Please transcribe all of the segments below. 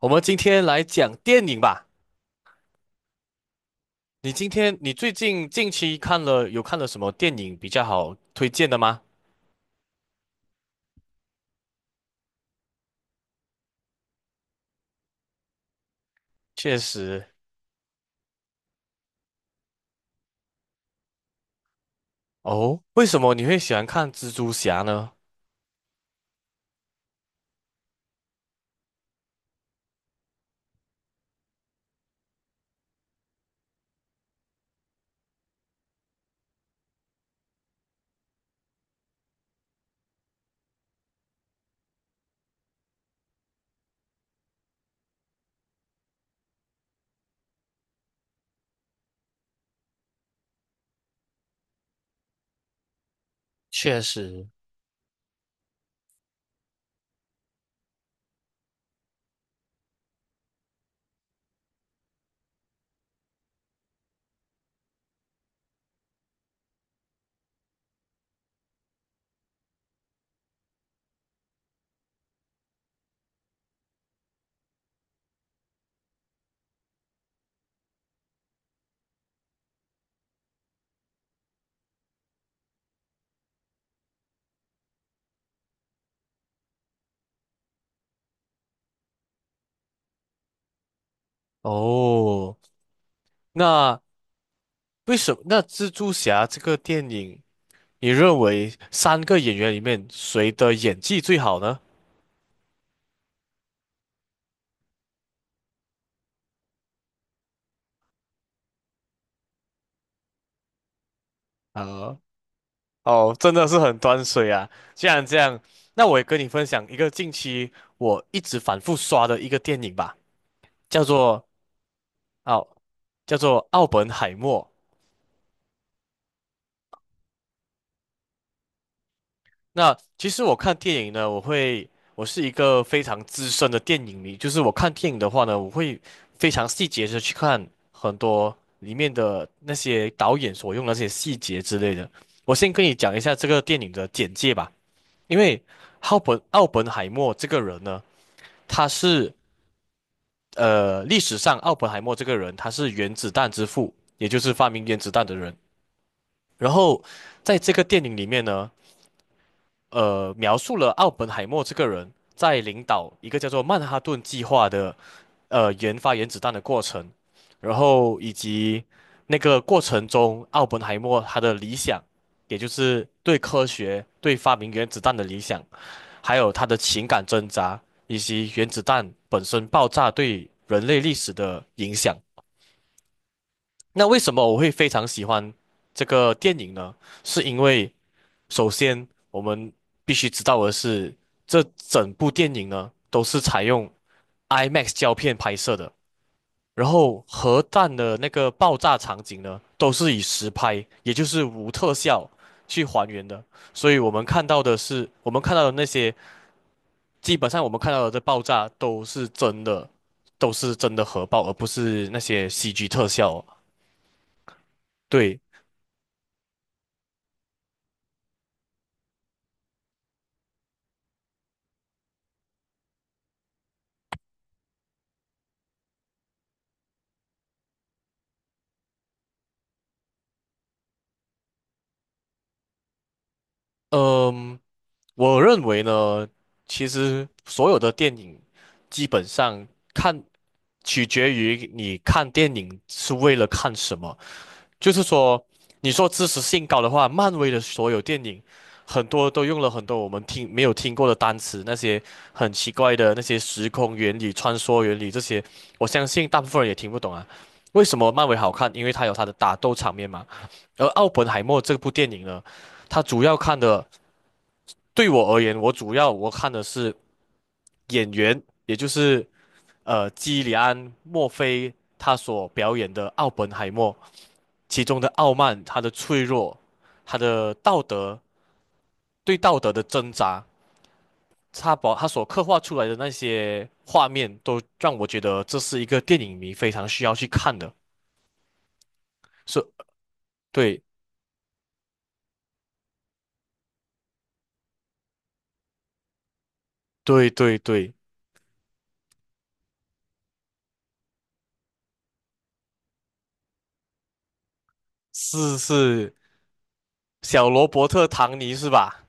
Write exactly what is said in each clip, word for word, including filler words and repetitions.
我们今天来讲电影吧。你今天你最近近期看了有看了什么电影比较好推荐的吗？确实。哦，为什么你会喜欢看蜘蛛侠呢？确实。哦，那为什么那蜘蛛侠这个电影，你认为三个演员里面谁的演技最好呢？啊、哦，真的是很端水啊！既然这样，那我也跟你分享一个近期我一直反复刷的一个电影吧，叫做奥，叫做奥本海默。那其实我看电影呢，我会，我是一个非常资深的电影迷，就是我看电影的话呢，我会非常细节的去看很多里面的那些导演所用的那些细节之类的。我先跟你讲一下这个电影的简介吧，因为奥本奥本海默这个人呢，他是呃历史上奥本海默这个人，他是原子弹之父，也就是发明原子弹的人。然后在这个电影里面呢。呃，描述了奥本海默这个人在领导一个叫做曼哈顿计划的呃研发原子弹的过程，然后以及那个过程中奥本海默他的理想，也就是对科学、对发明原子弹的理想，还有他的情感挣扎，以及原子弹本身爆炸对人类历史的影响。那为什么我会非常喜欢这个电影呢？是因为首先，我们必须知道的是，这整部电影呢都是采用 IMAX 胶片拍摄的，然后核弹的那个爆炸场景呢都是以实拍，也就是无特效去还原的，所以我们看到的是，我们看到的那些，基本上我们看到的这爆炸都是真的，都是真的核爆，而不是那些 C G 特效哦。对，嗯、我认为呢，其实所有的电影基本上看取决于你看电影是为了看什么。就是说，你说知识性高的话，漫威的所有电影很多都用了很多我们听没有听过的单词，那些很奇怪的那些时空原理、穿梭原理这些，我相信大部分人也听不懂啊。为什么漫威好看？因为它有它的打斗场面嘛。而《奥本海默》这部电影呢，它主要看的。对我而言，我主要我看的是演员，也就是呃基里安·墨菲他所表演的奥本海默，其中的傲慢、他的脆弱、他的道德对道德的挣扎，他把他所刻画出来的那些画面，都让我觉得这是一个电影迷非常需要去看的。是，对对对对，是是小罗伯特·唐尼是吧？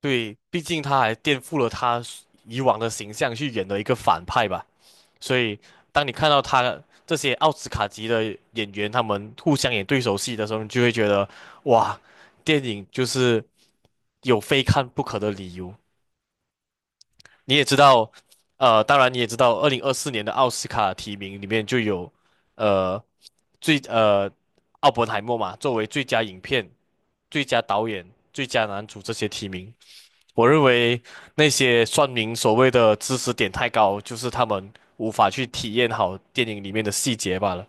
对，毕竟他还颠覆了他以往的形象去演了一个反派吧，所以当你看到他这些奥斯卡级的演员他们互相演对手戏的时候，你就会觉得哇，电影就是有非看不可的理由。你也知道，呃，当然你也知道，二零二四年的奥斯卡提名里面就有呃最呃奥本海默嘛，作为最佳影片、最佳导演、最佳男主这些提名。我认为那些算命所谓的知识点太高，就是他们无法去体验好电影里面的细节罢了。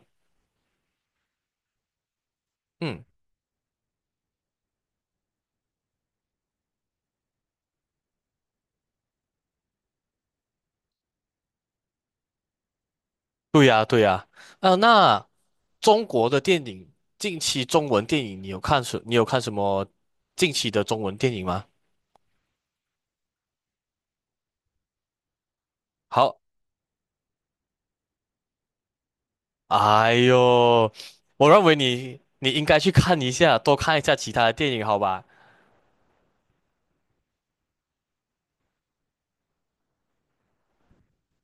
嗯，对呀，对呀。啊，那中国的电影，近期中文电影，你有看什？你有看什么近期的中文电影吗？好，哎呦，我认为你你应该去看一下，多看一下其他的电影，好吧？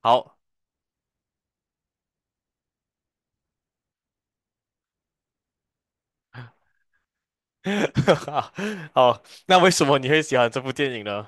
好，好，那为什么你会喜欢这部电影呢？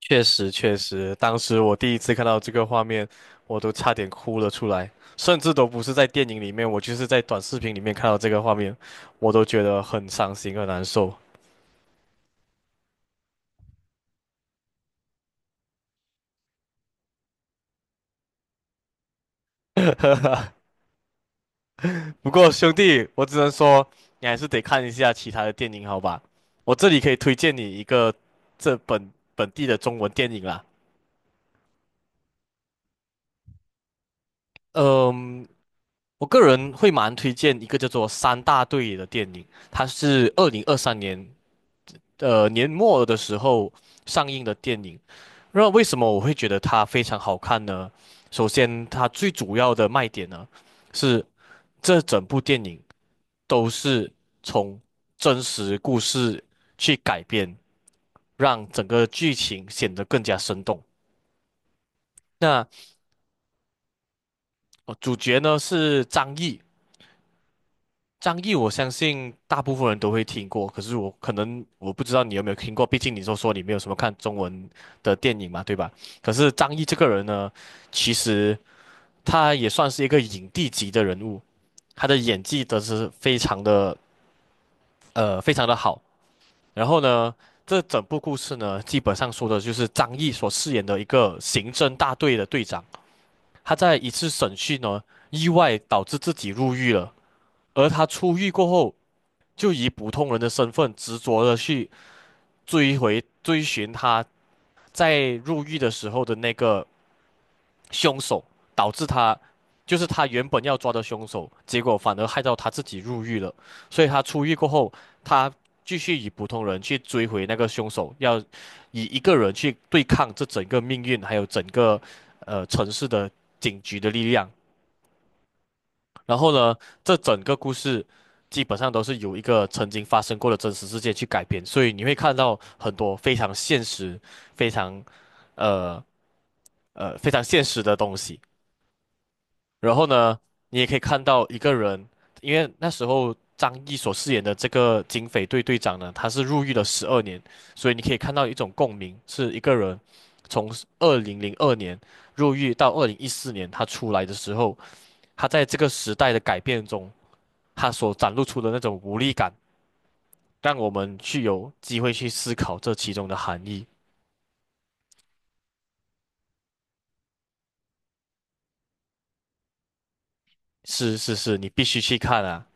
确实，确实，当时我第一次看到这个画面，我都差点哭了出来，甚至都不是在电影里面，我就是在短视频里面看到这个画面，我都觉得很伤心、很难受。不过兄弟，我只能说你还是得看一下其他的电影，好吧？我这里可以推荐你一个这本本地的中文电影啦。嗯，我个人会蛮推荐一个叫做《三大队》的电影，它是二零二三年呃年末的时候上映的电影。那为什么我会觉得它非常好看呢？首先，它最主要的卖点呢是这整部电影都是从真实故事去改编，让整个剧情显得更加生动。那呃主角呢是张译，张译，我相信大部分人都会听过，可是我可能我不知道你有没有听过，毕竟你说说你没有什么看中文的电影嘛，对吧？可是张译这个人呢，其实他也算是一个影帝级的人物，他的演技都是非常的呃非常的好。然后呢，这整部故事呢，基本上说的就是张译所饰演的一个刑侦大队的队长，他在一次审讯呢，意外导致自己入狱了，而他出狱过后。就以普通人的身份执着的去追回、追寻他在入狱的时候的那个凶手，导致他就是他原本要抓的凶手，结果反而害到他自己入狱了。所以他出狱过后，他继续以普通人去追回那个凶手，要以一个人去对抗这整个命运，还有整个呃城市的警局的力量。然后呢，这整个故事基本上都是由一个曾经发生过的真实事件去改编，所以你会看到很多非常现实、非常呃呃非常现实的东西。然后呢，你也可以看到一个人，因为那时候张译所饰演的这个警匪队队长呢，他是入狱了十二年，所以你可以看到一种共鸣，是一个人从二零零二年入狱到二零一四年他出来的时候，他在这个时代的改变中。它所展露出的那种无力感，让我们去有机会去思考这其中的含义。是是是，你必须去看啊。